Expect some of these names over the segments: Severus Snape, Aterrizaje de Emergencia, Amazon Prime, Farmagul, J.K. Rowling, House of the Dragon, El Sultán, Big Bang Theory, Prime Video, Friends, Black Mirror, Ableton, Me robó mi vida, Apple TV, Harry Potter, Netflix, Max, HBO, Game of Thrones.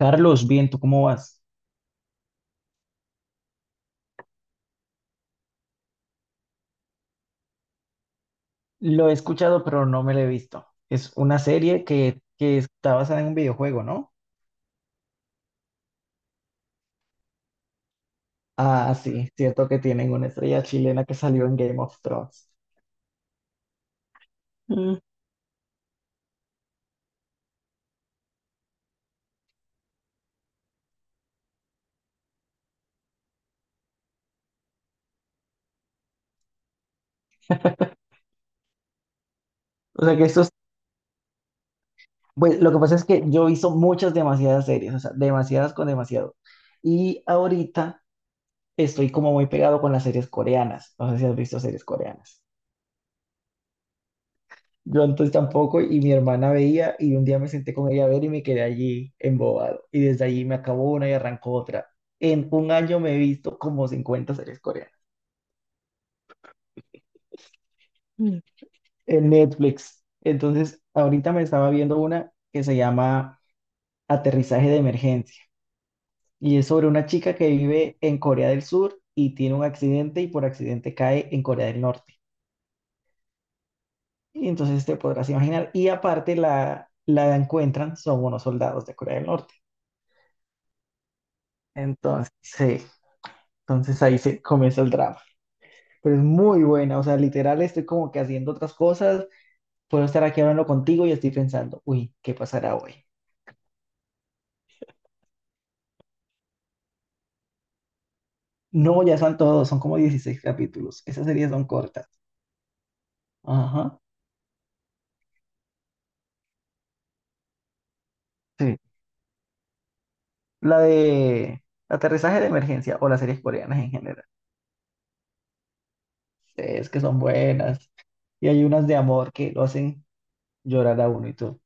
Carlos, bien, ¿tú cómo vas? Lo he escuchado, pero no me lo he visto. Es una serie que está basada en un videojuego, ¿no? Ah, sí, cierto que tienen una estrella chilena que salió en Game of Thrones. Mm, O sea que pues lo que pasa es que yo he visto muchas, demasiadas series, o sea, demasiadas con demasiado. Y ahorita estoy como muy pegado con las series coreanas. No sé si has visto series coreanas. Yo antes tampoco y mi hermana veía y un día me senté con ella a ver y me quedé allí embobado. Y desde allí me acabó una y arrancó otra. En un año me he visto como 50 series coreanas. Mm. En Netflix. Entonces, ahorita me estaba viendo una que se llama Aterrizaje de Emergencia, y es sobre una chica que vive en Corea del Sur y tiene un accidente y por accidente cae en Corea del Norte. Y entonces te podrás imaginar. Y aparte la encuentran, son unos soldados de Corea del Norte. Entonces, sí, entonces ahí se comienza el drama. Pero es muy buena, o sea, literal estoy como que haciendo otras cosas, puedo estar aquí hablando contigo y estoy pensando, uy, ¿qué pasará hoy? No, ya son todos, son como 16 capítulos. Esas series son cortas. Ajá. Sí. La de Aterrizaje de Emergencia o las series coreanas en general. Es que son buenas. Y hay unas de amor que lo hacen llorar a uno y todo.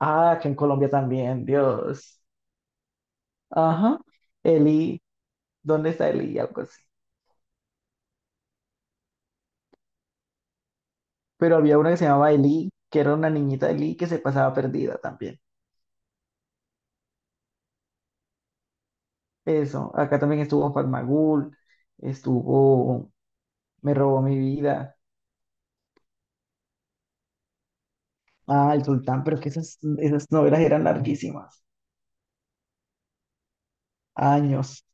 Ah, que en Colombia también, Dios. Ajá. Eli, ¿dónde está Eli? Algo así. Pero había una que se llamaba Eli, que era una niñita de Eli que se pasaba perdida también. Eso, acá también estuvo Farmagul, estuvo Me robó mi vida. Ah, El Sultán, pero es que esas, esas novelas eran larguísimas, años,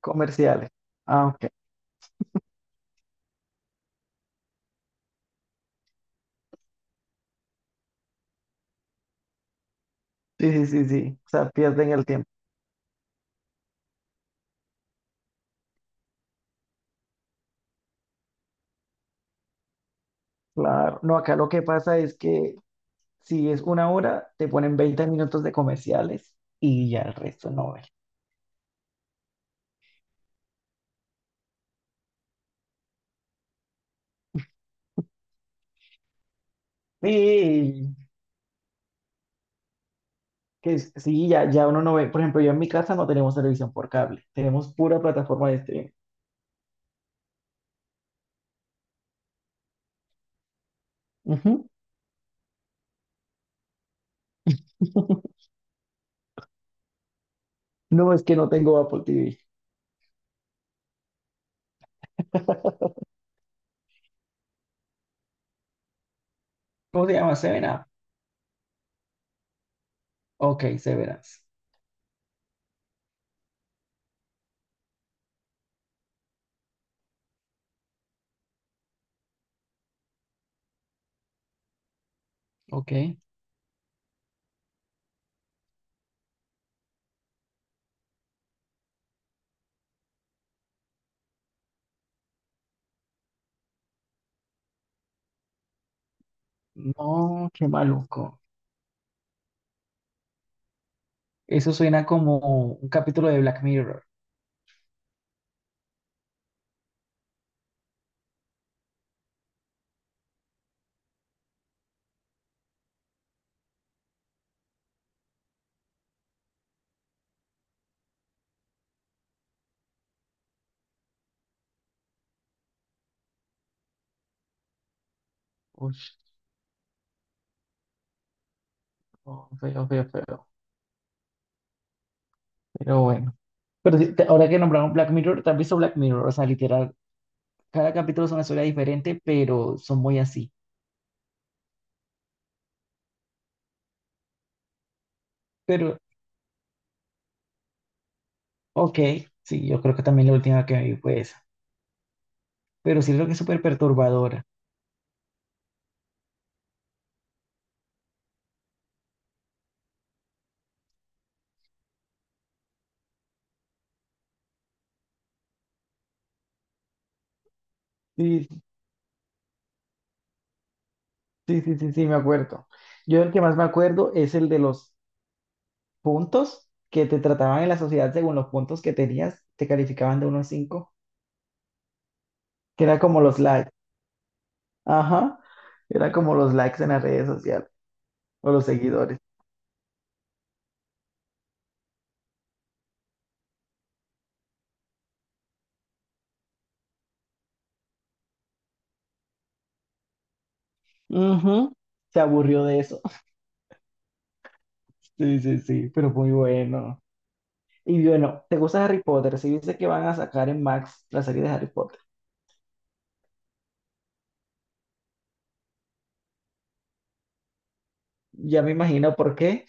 comerciales. Ah, ok. Sí, sí, sí, sí, o sea, pierden el tiempo. Claro, no, acá lo que pasa es que si es una hora, te ponen 20 minutos de comerciales y ya el resto no. Sí, ya, ya uno no ve. Por ejemplo, yo en mi casa no tenemos televisión por cable. Tenemos pura plataforma de streaming. Ujú. No es que no tengo Apple TV. ¿Cómo se llama? Seven Up. Ok, Seven Up. Ok. No, qué maluco. Eso suena como un capítulo de Black Mirror. Uy, no, feo, feo, feo. Pero bueno. Pero sí, ahora que nombraron Black Mirror, ¿te has visto Black Mirror? O sea, literal, cada capítulo es una historia diferente, pero son muy así. Pero, ok, sí, yo creo que también la última que vi fue esa. Pero siento que es súper perturbadora. Sí, sí, sí, sí, sí, me acuerdo. Yo el que más me acuerdo es el de los puntos que te trataban en la sociedad según los puntos que tenías, te calificaban de uno a cinco, que era como los likes. Ajá, era como los likes en las redes sociales o los seguidores. Ujú, se aburrió de eso. Sí, sí, sí, pero muy bueno. Y bueno, ¿te gusta Harry Potter? Si viste que van a sacar en Max la serie de Harry Potter, ya me imagino por qué.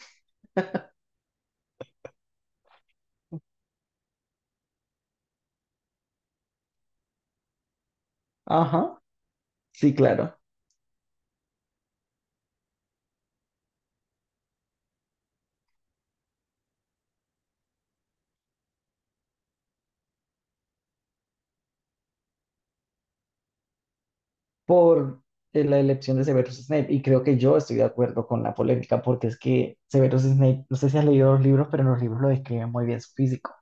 Ajá, sí, claro. Por la elección de Severus Snape. Y creo que yo estoy de acuerdo con la polémica, porque es que Severus Snape, no sé si has leído los libros, pero en los libros lo describen muy bien su físico.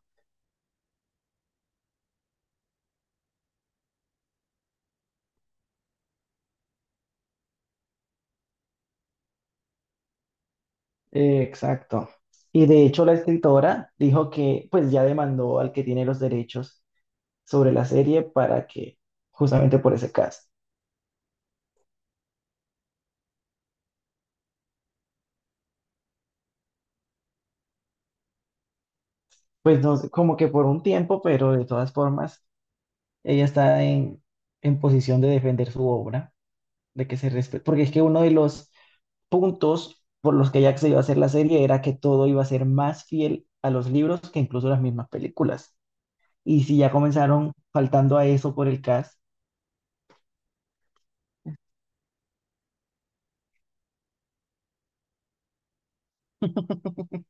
Exacto. Y de hecho la escritora dijo que pues ya demandó al que tiene los derechos sobre la serie para que, justamente por ese caso, pues no sé, como que por un tiempo, pero de todas formas, ella está en posición de defender su obra. De que se respete, porque es que uno de los puntos por los que Jack se iba a hacer la serie era que todo iba a ser más fiel a los libros que incluso las mismas películas. Y si ya comenzaron faltando a eso por el cast.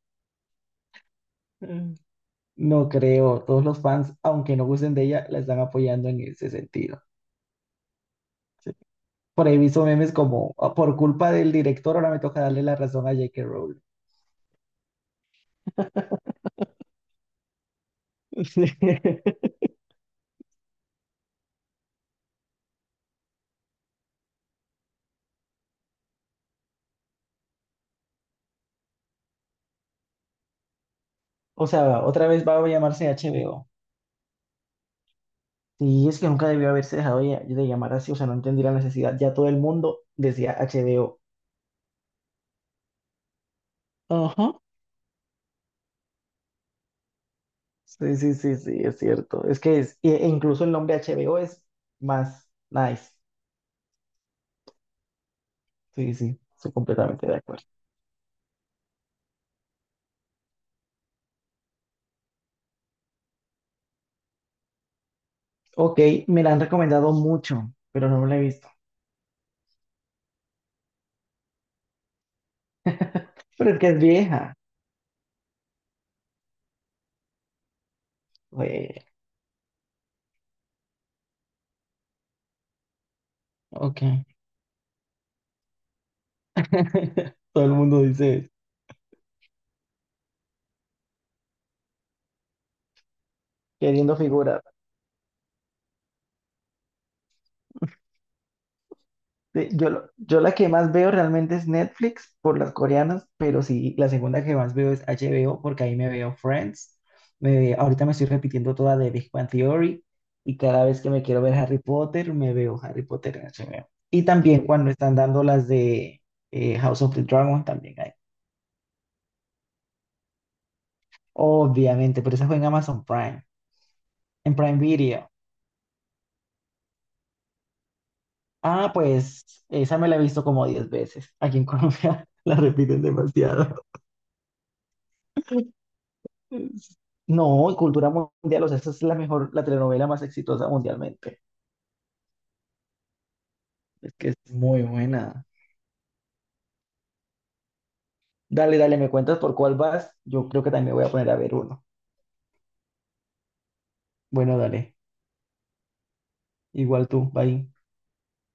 No creo. Todos los fans, aunque no gusten de ella, la están apoyando en ese sentido. Por ahí he visto memes como, "Ah, por culpa del director, ahora me toca darle la razón a J.K. Rowling." O sea, otra vez va a llamarse HBO. Sí, es que nunca debió haberse dejado de llamar así, o sea, no entendí la necesidad. Ya todo el mundo decía HBO. Ajá. Sí, sí, sí, sí, es cierto. Es que es, e incluso el nombre HBO es más nice. Sí, sí, estoy completamente de acuerdo. Ok, me la han recomendado mucho, pero no me la he visto. Pero es que es vieja. Oye, ok. Todo el mundo dice, queriendo figurar. Sí, yo, yo la que más veo realmente es Netflix por las coreanas, pero sí, la segunda que más veo es HBO porque ahí me veo Friends. Ahorita me estoy repitiendo toda de Big Bang Theory y cada vez que me quiero ver Harry Potter, me veo Harry Potter en HBO. Y también cuando están dando las de House of the Dragon también hay. Obviamente, pero esa fue en Amazon Prime, en Prime Video. Ah, pues esa me la he visto como 10 veces. Aquí en Colombia la repiten demasiado. No, cultura mundial, o sea, esa es la mejor, la telenovela más exitosa mundialmente. Es que es muy buena. Dale, dale, me cuentas por cuál vas. Yo creo que también me voy a poner a ver uno. Bueno, dale. Igual tú, bye.